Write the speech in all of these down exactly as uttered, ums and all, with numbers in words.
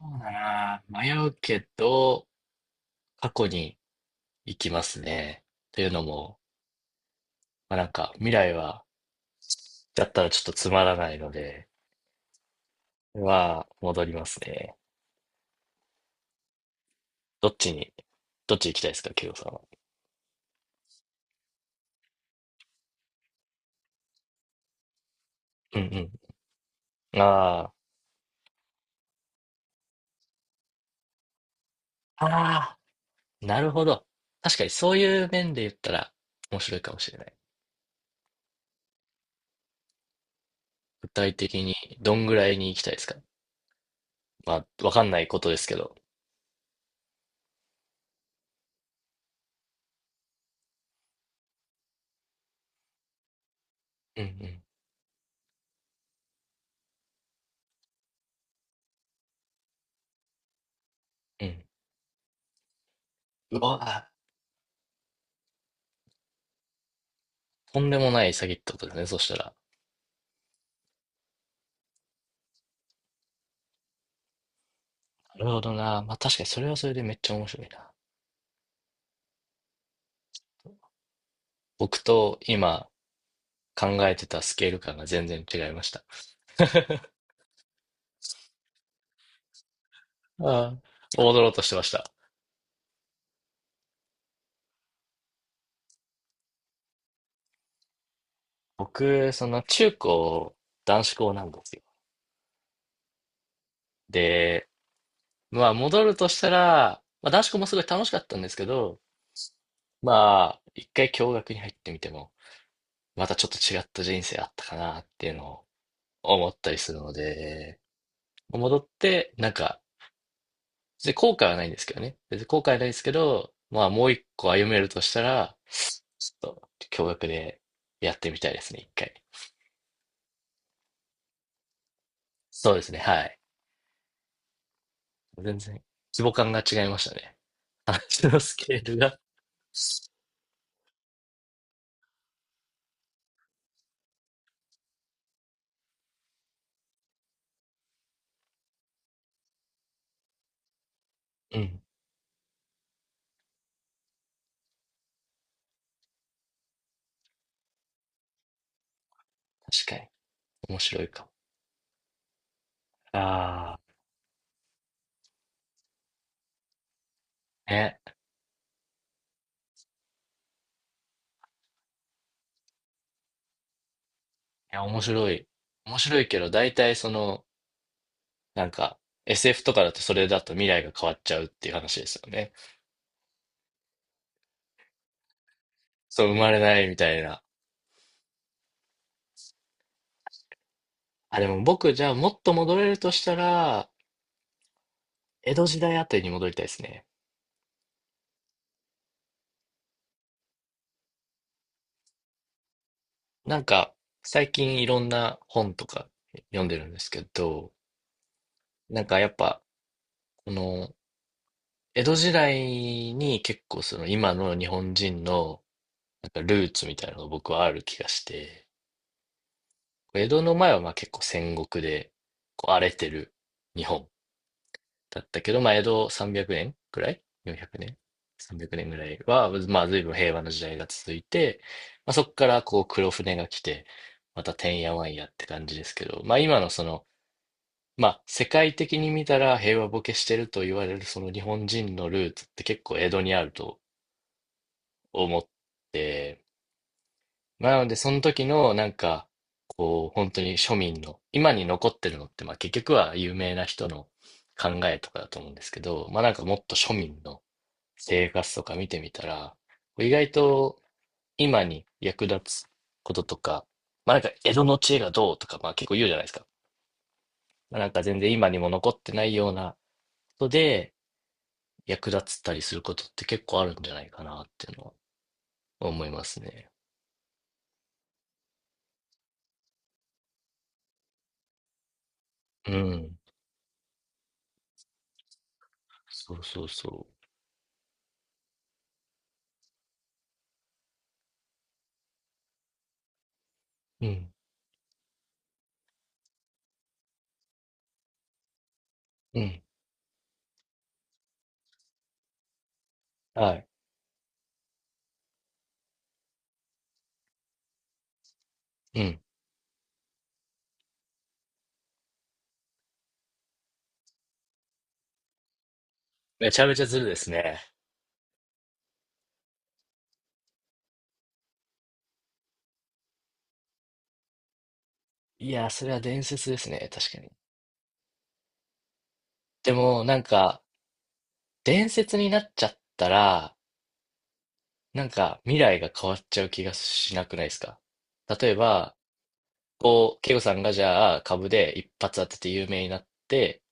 そうだな。迷うけど、過去に行きますね。というのも、まあ、なんか未来は、だったらちょっとつまらないので、は、戻りますね。どっちに、どっち行きたいですか、ケイゴさんは。うんうん。ああ、ああ、なるほど。確かにそういう面で言ったら面白いかもしれない。具体的にどんぐらいに行きたいですか。まあ、わかんないことですけど。うんうんうん。うわあ、とんでもない詐欺ってことですね、そしたら。なるほどな。まあ確かにそれはそれでめっちゃ面白いな。僕と今考えてたスケール感が全然違いました。ああ、踊ろうとしてました。僕、その中高、男子校なんですよ。で、まあ戻るとしたら、まあ男子校もすごい楽しかったんですけど、まあ一回共学に入ってみても、またちょっと違った人生あったかなっていうのを思ったりするので、戻って、なんかで、後悔はないんですけどね。別に後悔はないですけど、まあもう一個歩めるとしたら、ちょっと教育でやってみたいですね、一回。そうですね、はい。全然、規模感が違いましたね。話のスケールが。うん、確かに。面白いかも。ああ、ね。いや、面白い。面白いけど、大体その、なんか、エスエフ とかだとそれだと未来が変わっちゃうっていう話ですよね。そう、生まれないみたいな。あ、でも僕、じゃあもっと戻れるとしたら、江戸時代あたりに戻りたいですね。なんか、最近いろんな本とか読んでるんですけど、なんかやっぱ、この、江戸時代に結構その今の日本人のなんかルーツみたいなのが僕はある気がして、江戸の前はまあ結構戦国でこう荒れてる日本だったけど、まあ、江戸さんびゃくねんくねんくらい ?よんひゃく 年 ?さんびゃく 年ぐらいは、まあ、随分平和な時代が続いて、まあ、そこからこう黒船が来て、またてんやわんやって感じですけど、まあ、今のその、まあ、世界的に見たら平和ボケしてると言われるその日本人のルーツって結構江戸にあると思って、まあなので、その時のなんか、こう、本当に庶民の、今に残ってるのって、まあ結局は有名な人の考えとかだと思うんですけど、まあなんかもっと庶民の、生活とか見てみたら、意外と今に役立つこととか、まあなんか江戸の知恵がどうとか、まあ結構言うじゃないですか。まあなんか全然今にも残ってないようなことで役立つたりすることって結構あるんじゃないかなっていうのは思いますね。うん。そうそうそう。うん。うん。はい。うん。めちゃめちゃずるですね。いや、それは伝説ですね。確かに。でもなんか伝説になっちゃったら、なんか未来が変わっちゃう気がしなくないですか。例えば、こう、ケイゴさんがじゃあ株で一発当てて有名になって、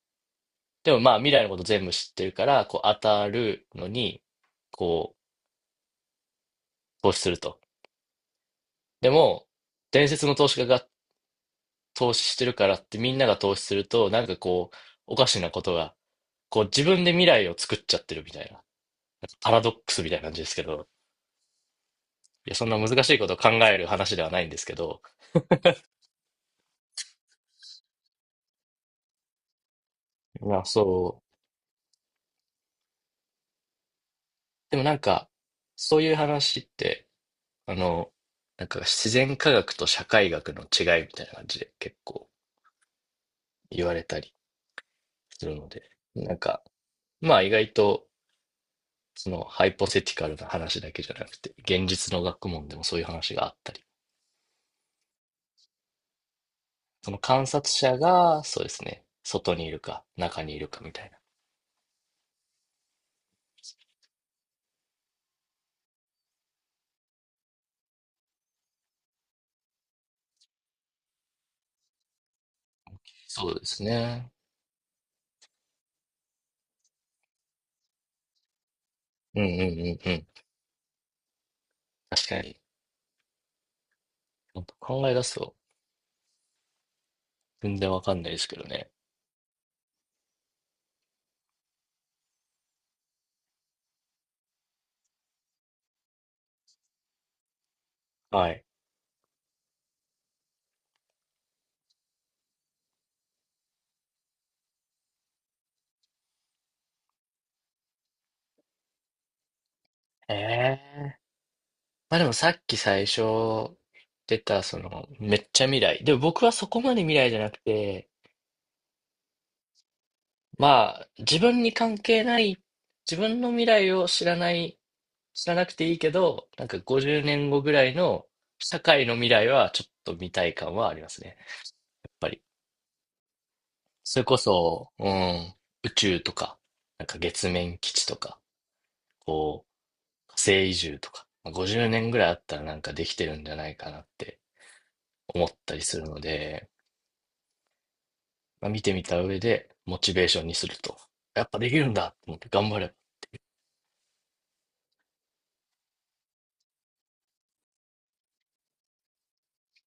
でもまあ未来のこと全部知ってるから、こう当たるのに、こう、投資すると。でも、伝説の投資家が投資してるからってみんなが投資すると、なんかこう、おかしなことが、こう自分で未来を作っちゃってるみたいな、なんかパラドックスみたいな感じですけど、いや、そんな難しいことを考える話ではないんですけど、まあそう。でもなんか、そういう話って、あの、なんか自然科学と社会学の違いみたいな感じで結構言われたりするので、なんか、まあ意外と、そのハイポセティカルな話だけじゃなくて、現実の学問でもそういう話があったり、その観察者が、そうですね、外にいるか、中にいるかみたいな。そうですね。うんうんうんうん。確かに。考え出すと、全然わかんないですけどね。はい。ええまあでもさっき最初出た、その、めっちゃ未来。でも僕はそこまで未来じゃなくて、まあ自分に関係ない、自分の未来を知らない、知らなくていいけど、なんかごじゅうねんごぐらいの社会の未来はちょっと見たい感はありますね。やっぱり。それこそ、うん、宇宙とか、なんか月面基地とか、こう、火星移住とか、まあごじゅうねんぐらいあったらなんかできてるんじゃないかなって思ったりするので、まあ見てみた上で、モチベーションにすると。やっぱできるんだと思って頑張れば。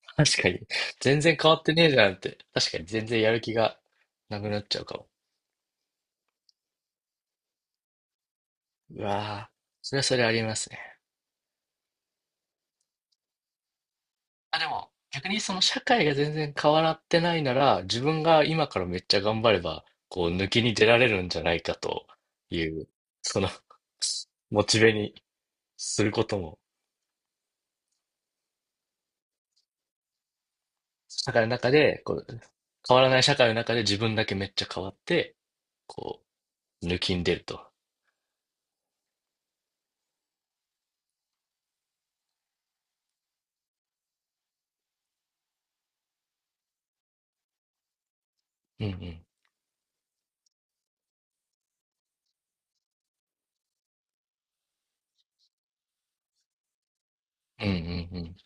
確かに、全然変わってねえじゃんって。確かに全然やる気がなくなっちゃうかも。うわぁ、それはそれありますね。あ、でも、逆にその社会が全然変わらってないなら、自分が今からめっちゃ頑張れば、こう、抜きに出られるんじゃないかという、そのモチベにすることも、社会の中で、こう、変わらない社会の中で自分だけめっちゃ変わって、こう、抜きんでると。うんうん。うんうんうん。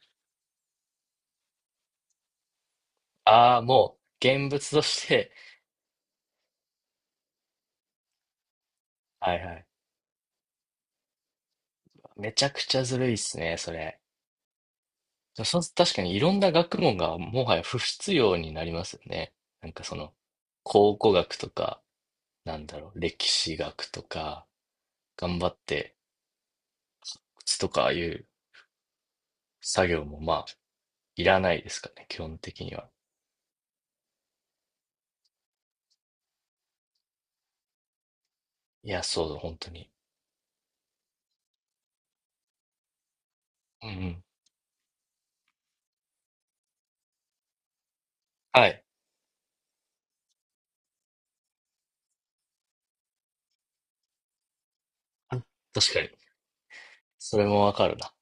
ああ、もう、現物として。 はいはい。めちゃくちゃずるいっすね、それ。そう、確かにいろんな学問がもはや不必要になりますよね。なんかその、考古学とか、なんだろう、歴史学とか、頑張って靴とかいう作業もまあ、いらないですかね、基本的には。いや、そうだ、本当に。うんうん。はい。あ、確かに。それもわかるな。